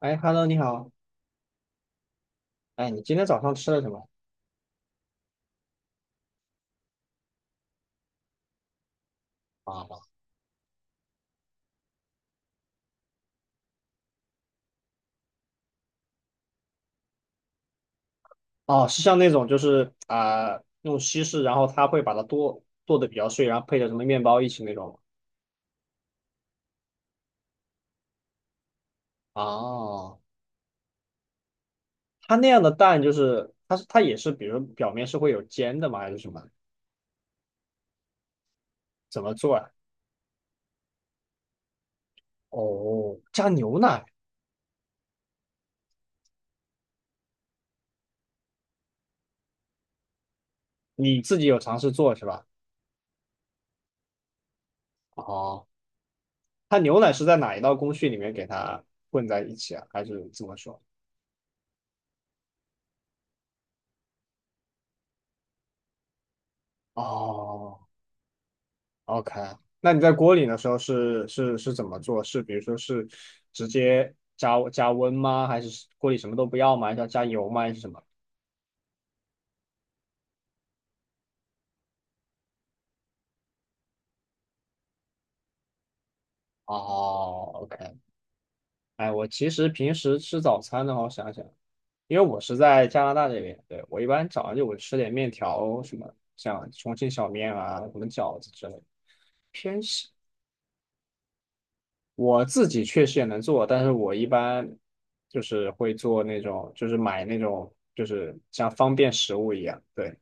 哎，Hello，你好。哎，你今天早上吃了什么？啊，哦，是像那种就是啊、用稀释，然后它会把它剁剁的比较碎，然后配着什么面包一起那种吗？哦，它那样的蛋就是它是它也是，比如表面是会有煎的吗？还是什么？怎么做啊？哦，加牛奶，你自己有尝试做是吧？哦，它牛奶是在哪一道工序里面给它混在一起啊？还是怎么说？哦。OK，那你在锅里的时候是怎么做？是比如说是直接加温吗？还是锅里什么都不要吗？还是要加油吗？还是什么？哦，OK，哎，我其实平时吃早餐的话，我想想，因为我是在加拿大这边，对，我一般早上就我吃点面条什么，像重庆小面啊，什么饺子之类的，偏西。我自己确实也能做，但是我一般就是会做那种，就是买那种，就是像方便食物一样，对。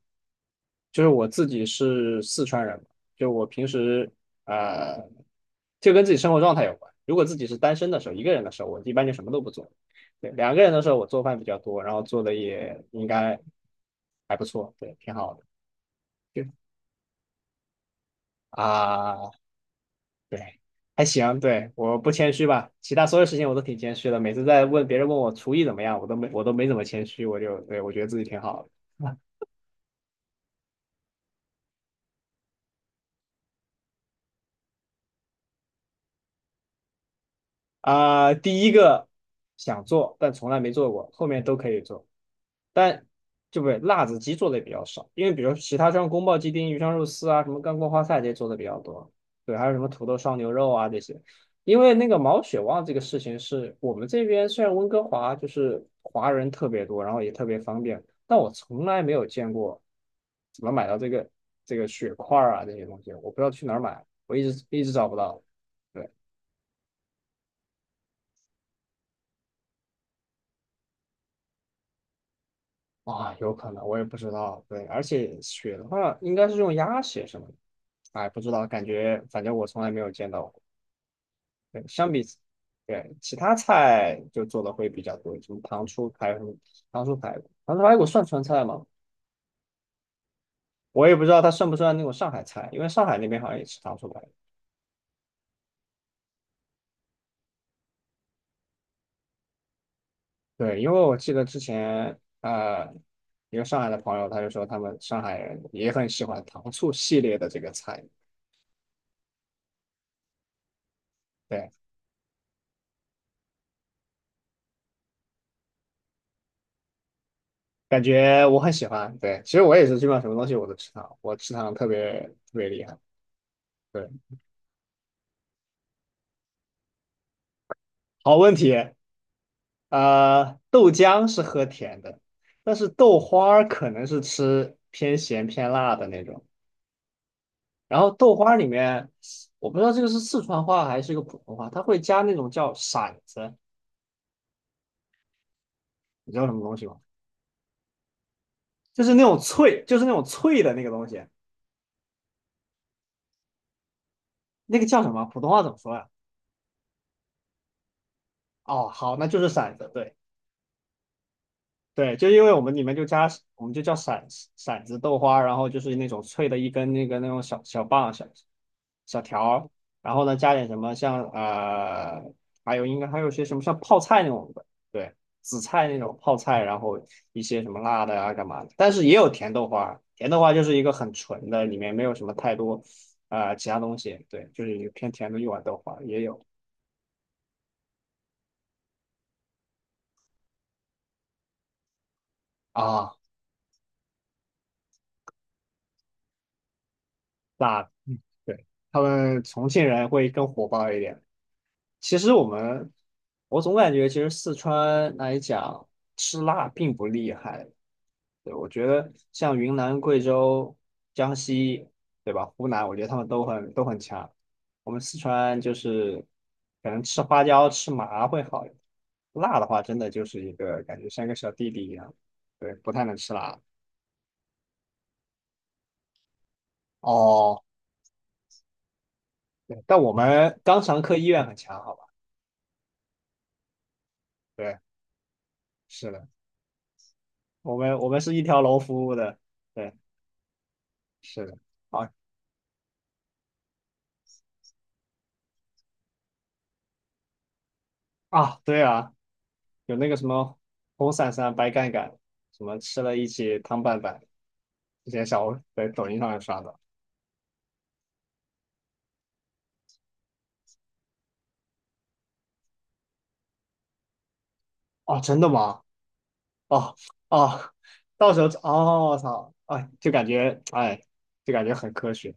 就是我自己是四川人嘛，就我平时呃，就跟自己生活状态有关。如果自己是单身的时候，一个人的时候，我一般就什么都不做。对，两个人的时候，我做饭比较多，然后做的也应该还不错，对，挺好的。就啊，对，还行，对，我不谦虚吧，其他所有事情我都挺谦虚的。每次在问别人问我厨艺怎么样，我都没怎么谦虚，我就对我觉得自己挺好的。啊、第一个想做但从来没做过，后面都可以做，但就不对，辣子鸡做的也比较少，因为比如其他像宫保鸡丁、鱼香肉丝啊，什么干锅花菜这些做的比较多，对，还有什么土豆烧牛肉啊这些。因为那个毛血旺这个事情是我们这边虽然温哥华就是华人特别多，然后也特别方便，但我从来没有见过怎么买到这个血块儿啊这些东西，我不知道去哪儿买，我一直一直找不到。对。啊，有可能，我也不知道。对，而且血的话，应该是用鸭血什么的。哎，不知道，感觉反正我从来没有见到过。对，相比起对其他菜就做的会比较多，什么糖醋排骨算川菜吗？我也不知道它算不算那种上海菜，因为上海那边好像也吃糖醋排骨。对，因为我记得之前一个上海的朋友他就说他们上海人也很喜欢糖醋系列的这个菜。对。感觉我很喜欢。对，其实我也是，基本上什么东西我都吃糖，我吃糖特别特别厉害。对，好问题。呃，豆浆是喝甜的，但是豆花儿可能是吃偏咸偏辣的那种。然后豆花儿里面，我不知道这个是四川话还是一个普通话，它会加那种叫馓子，你知道什么东西吗？就是那种脆，就是那种脆的那个东西，那个叫什么？普通话怎么说呀？哦，好，那就是馓子。对。对，就因为我们里面就加，我们就叫骰子骰子豆花，然后就是那种脆的一根那个那种小小棒小小条儿然后呢加点什么像呃，还有应该还有些什么像泡菜那种的，对，紫菜那种泡菜，然后一些什么辣的啊干嘛的，但是也有甜豆花，甜豆花就是一个很纯的，里面没有什么太多呃其他东西，对，就是一个偏甜的一碗豆花也有啊，辣的，嗯对，他们重庆人会更火爆一点。其实我们，我总感觉其实四川来讲吃辣并不厉害。对，我觉得像云南、贵州、江西，对吧？湖南，我觉得他们都很都很强。我们四川就是可能吃花椒、吃麻会好一点，辣的话真的就是一个感觉像一个小弟弟一样，对，不太能吃辣。哦，对，但我们肛肠科医院很强，好吧？对，是的，我们是一条龙服务的，对，是的。啊。啊，对啊，有那个什么红伞伞、白杆杆，什么吃了一起汤拌饭，之前小红在抖音上面刷的。哦，真的吗？哦哦，到时候哦，操，哎，就感觉哎，就感觉很科学。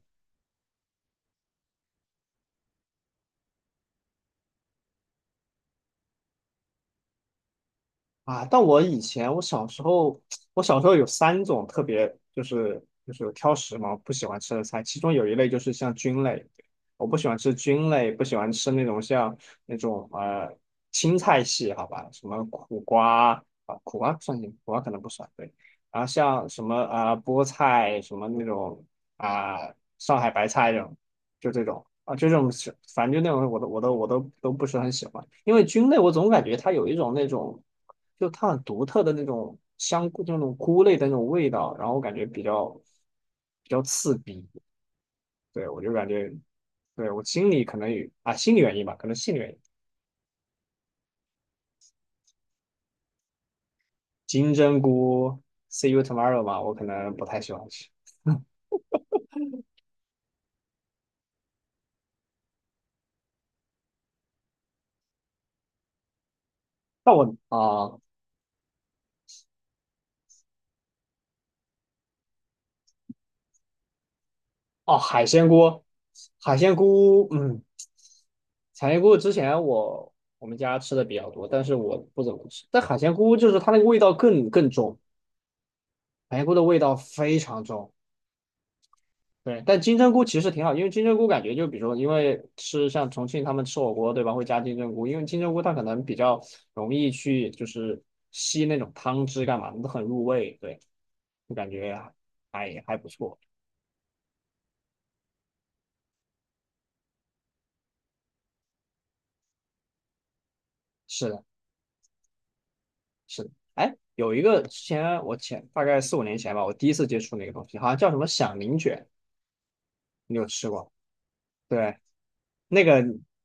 啊，但我以前我小时候，我小时候有三种特别就是就是挑食嘛，不喜欢吃的菜，其中有一类就是像菌类，我不喜欢吃菌类，不喜欢吃那种像那种呃青菜系，好吧，什么苦瓜啊，苦瓜不算进，苦瓜可能不算，对，然后像什么啊、菠菜什么那种啊、上海白菜这种。就这种啊，就这种是，反正就那种我都不是很喜欢，因为菌类我总感觉它有一种那种，就它很独特的那种香菇，那种菇类的那种味道，然后我感觉比较比较刺鼻，对我就感觉，对我心里可能有啊心理原因吧，可能心理原因，金针菇 see you tomorrow 嘛，我可能不太喜欢吃，那我啊哦海鲜菇，海鲜菇，嗯。产鲜菇之前我我们家吃的比较多，但是我不怎么吃。但海鲜菇就是它那个味道更重，海鲜菇的味道非常重。对，但金针菇其实挺好，因为金针菇感觉就比如说，因为吃像重庆他们吃火锅对吧，会加金针菇，因为金针菇它可能比较容易去就是吸那种汤汁干嘛都很入味。对，就感觉还还不错。是的，是的。哎，有一个之前我前大概四五年前吧，我第一次接触那个东西，好像叫什么响铃卷，你有吃过吗？对，那个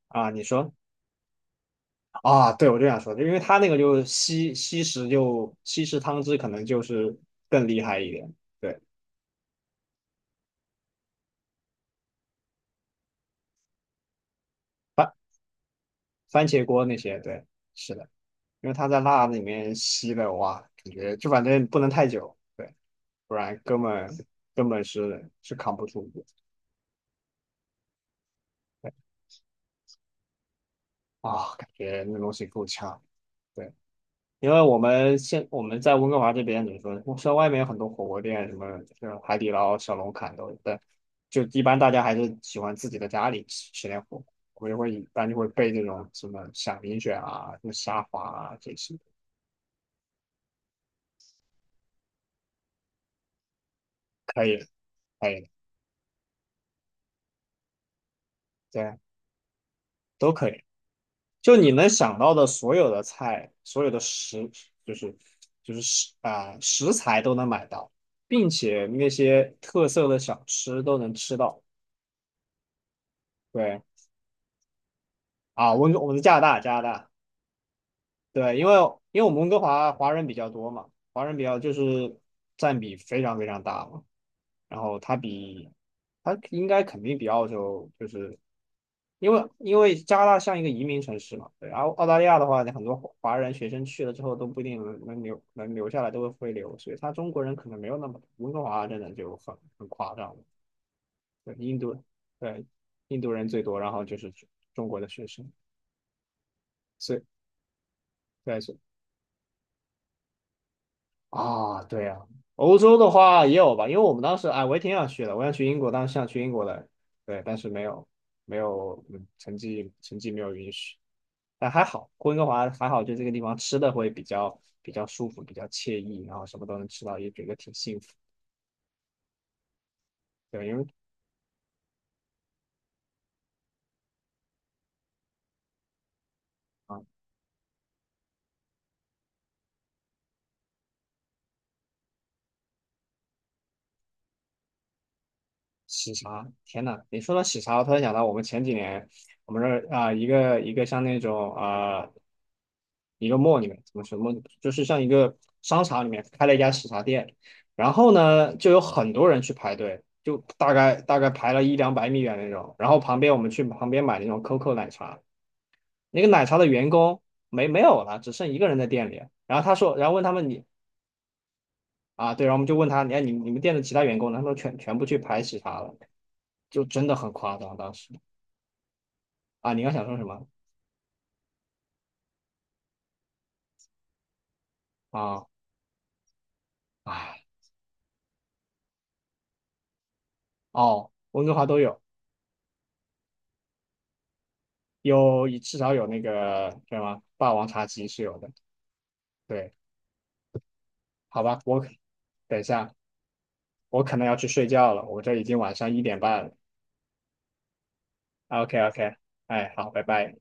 啊，你说啊，对，我就想说，就因为他那个就吸吸食，就吸食汤汁，可能就是更厉害一点。对，番番茄锅那些，对，是的，因为他在辣里面吸了，哇，感觉就反正不能太久，对，不然根本根本是是扛不住的啊，感觉那东西够呛。对。因为我们在温哥华这边怎么说，像外面有很多火锅店，什么就是海底捞、小龙坎都有，但就一般大家还是喜欢自己的家里吃吃点火锅。我就会一般就会备这种什么响铃卷啊、什么虾滑啊这些，可以的可以的对，都可以。就你能想到的所有的菜，所有的食，就是就是食材都能买到，并且那些特色的小吃都能吃到。对啊，我们在加拿大，加拿大。对，因为我们温哥华华人比较多嘛，华人比较就是占比非常非常大嘛，然后它比它应该肯定比澳洲就是因为因为加拿大像一个移民城市嘛，对，然后澳大利亚的话，很多华人学生去了之后都不一定能留下来，都会回流，所以他中国人可能没有那么多，温哥华真的就很夸张了，对，印度对印度人最多，然后就是中国的学生，所以对，所以啊，对呀、欧洲的话也有吧，因为我们当时哎，我也挺想去的，我想去英国，当时想去英国的，对，但是没有，没有，嗯成绩成绩没有允许，但还好，温哥华还好，就这个地方吃的会比较比较舒服，比较惬意，然后什么都能吃到，也觉得挺幸福，对，因为啊，喜茶，天呐，你说到喜茶，我突然想到我们前几年，我们这儿啊、一个一个像那种啊。一个 mall 里面，怎么什么，就是像一个商场里面开了一家喜茶店，然后呢，就有很多人去排队，就大概大概排了一两百米远那种。然后旁边我们去旁边买那种 COCO 奶茶，那个奶茶的员工没有了，只剩一个人在店里。然后他说，然后问他们你啊，对，然后我们就问他，你看你你们店的其他员工呢？他们全部去排喜茶了，就真的很夸张当时啊。你刚想说什么啊？哎，哦，温哥华都有。有至少有那个叫什么霸王茶姬是有的。对，好吧，我等一下，我可能要去睡觉了，我这已经晚上一点半了。OK OK，哎，好，拜拜。